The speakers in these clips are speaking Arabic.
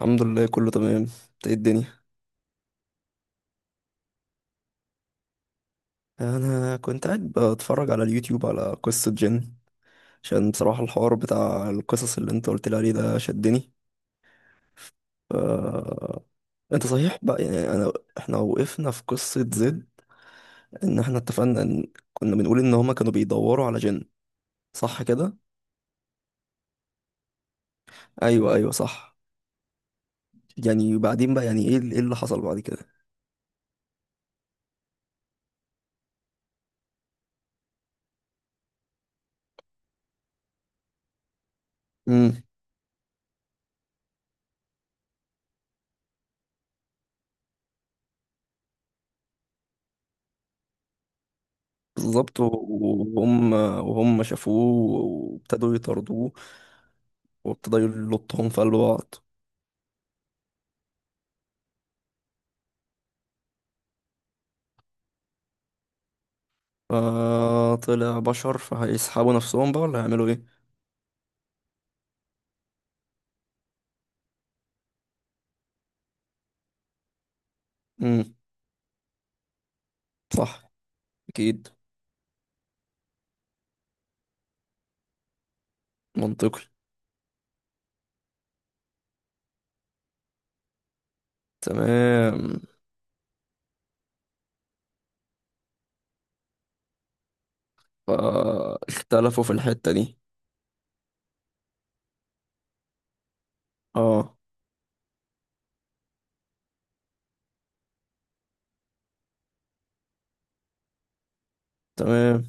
الحمد لله كله تمام. انت ايه الدنيا؟ انا كنت قاعد بتفرج على اليوتيوب على قصة جن، عشان بصراحة الحوار بتاع القصص اللي انت قلت لي عليه ده شدني. ف... انت صحيح بقى، يعني انا احنا وقفنا في قصة زد، ان احنا اتفقنا ان كنا بنقول ان هما كانوا بيدوروا على جن. صح كده؟ ايوه ايوه صح. يعني وبعدين بقى، يعني ايه ايه اللي حصل بعد كده؟ امم. بالظبط وهم شافوه، وابتدوا يطاردوه، وابتدوا يلطهم في قلب بعض. فطلع بشر، فهيسحبوا نفسهم بقى ولا هيعملوا ايه؟ امم. صح. اكيد. منطقي. تمام. فاختلفوا في الحتة دي. اه. تمام.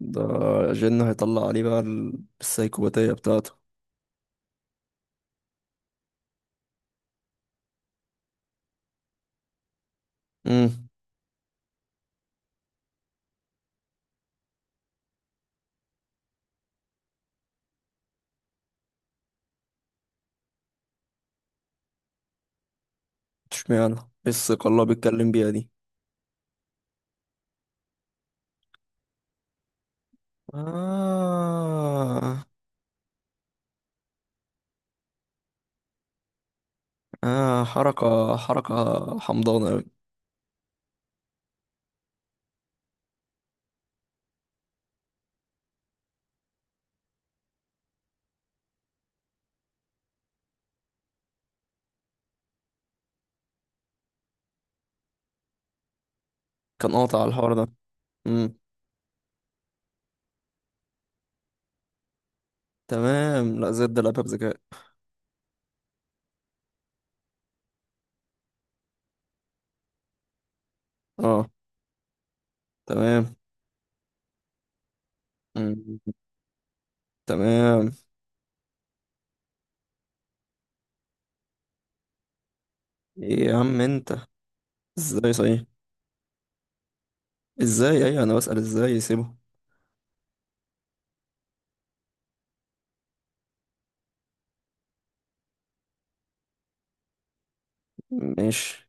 ده جن هيطلع عليه بقى السيكوباتية بتاعته. امم. اشمعنى ايه الثقة اللي هو بيتكلم بيها دي؟ آه. آه، حركة حركة حمضانة أوي. كان قاطع على الحوار ده. امم. تمام. لا زد لعبها بذكاء. اه. تمام. مم. تمام. ايه يا عم انت؟ ازاي صحيح؟ ازاي؟ ايه، انا بسأل ازاي يسيبه. ماشي.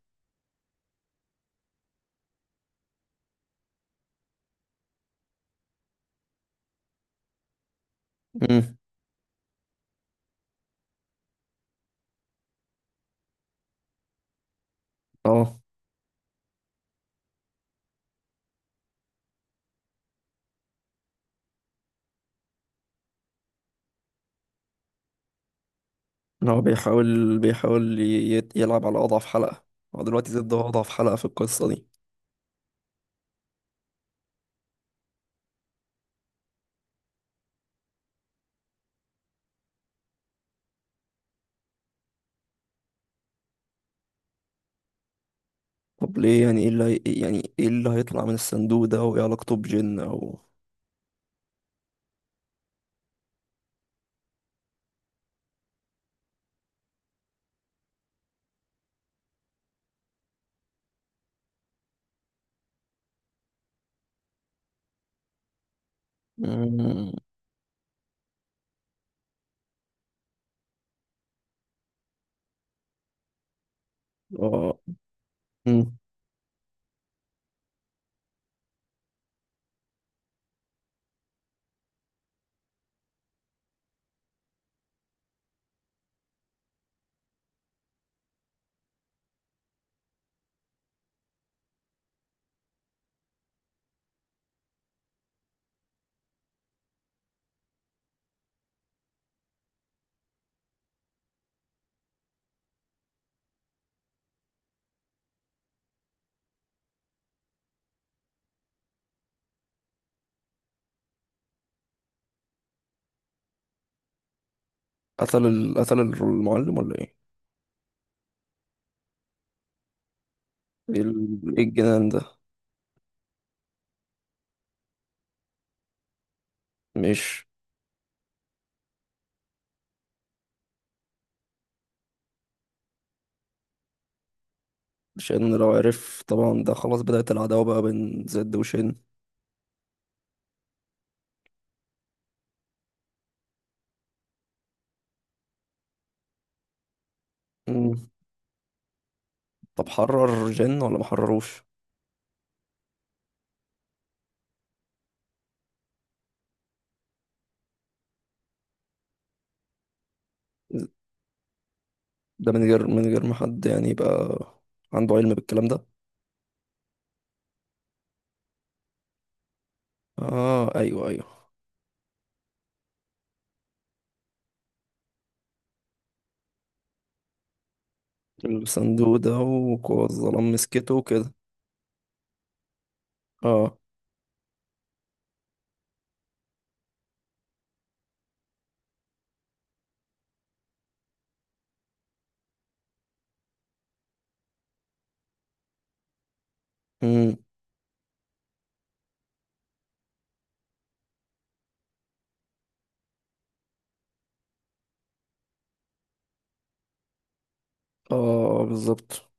امم. اه. إن هو بيحاول يلعب على اضعف حلقة. هو دلوقتي زد هو اضعف حلقة في القصة دي. طب ليه؟ يعني ايه يعني ايه اللي هيطلع من الصندوق ده وايه علاقته بجن او... مم. اه. مم. قتل المعلم ولا ايه؟ ايه إيه الجنان ده؟ مش... شن لو عرف طبعا ده خلاص بدأت العداوة بقى بين زد وشن. طب حرر جن ولا ما حرروش؟ ده من غير ما حد يعني يبقى عنده علم بالكلام ده. اه ايوه ايوه. الصندوق ده وقوى الظلام مسكته وكده. اه. امم. اه بالظبط.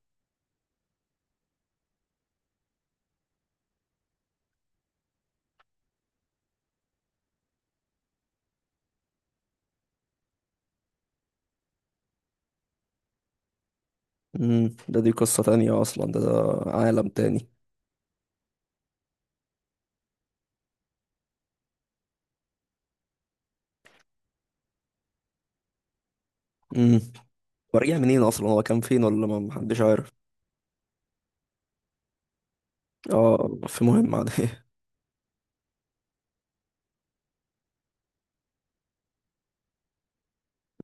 امم. ده دي قصة تانية اصلا، ده عالم تاني. امم. ورجع منين؟ اصلا هو كان فين ولا ما حدش عارف؟ اه في مهمة عادية.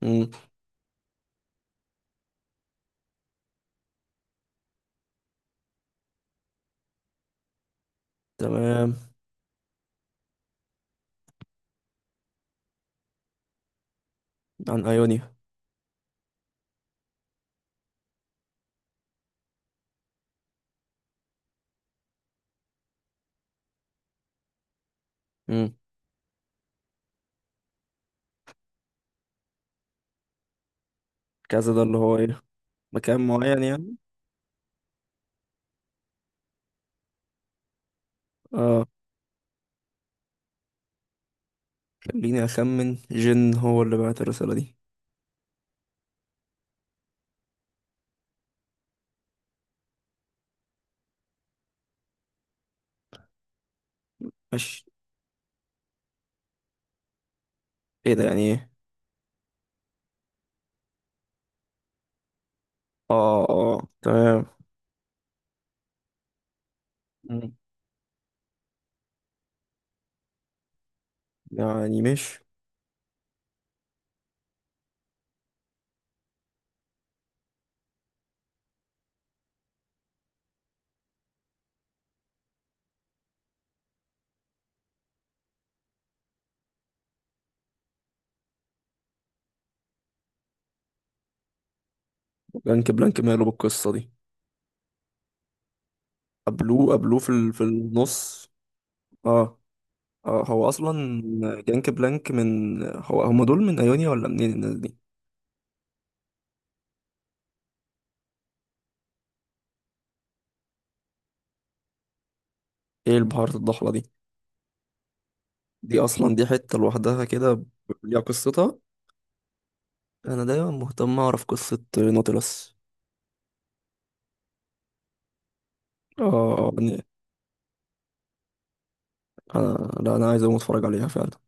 امم. تمام. عن ايونيا. امم. كذا ده اللي هو ايه؟ مكان معين يعني؟ اه خليني أخمن، جن هو اللي بعت الرسالة دي. ماشي. ايه ده يعني ايه؟ اه اه تمام. مم. يعني مش... بلانك ماله بالقصة دي؟ قبلوه قبلوه في في النص. اه. اه. هو اصلا جانك بلانك من هو؟ هما دول من ايونيا ولا منين الناس دي؟ ايه البهارات الضحلة دي؟ دي اصلا دي حتة لوحدها كده ليها قصتها. انا دايما مهتم اعرف قصة نوتيلاس. اه. آه، يعني انا لا انا عايز اقوم اتفرج عليها فعلا.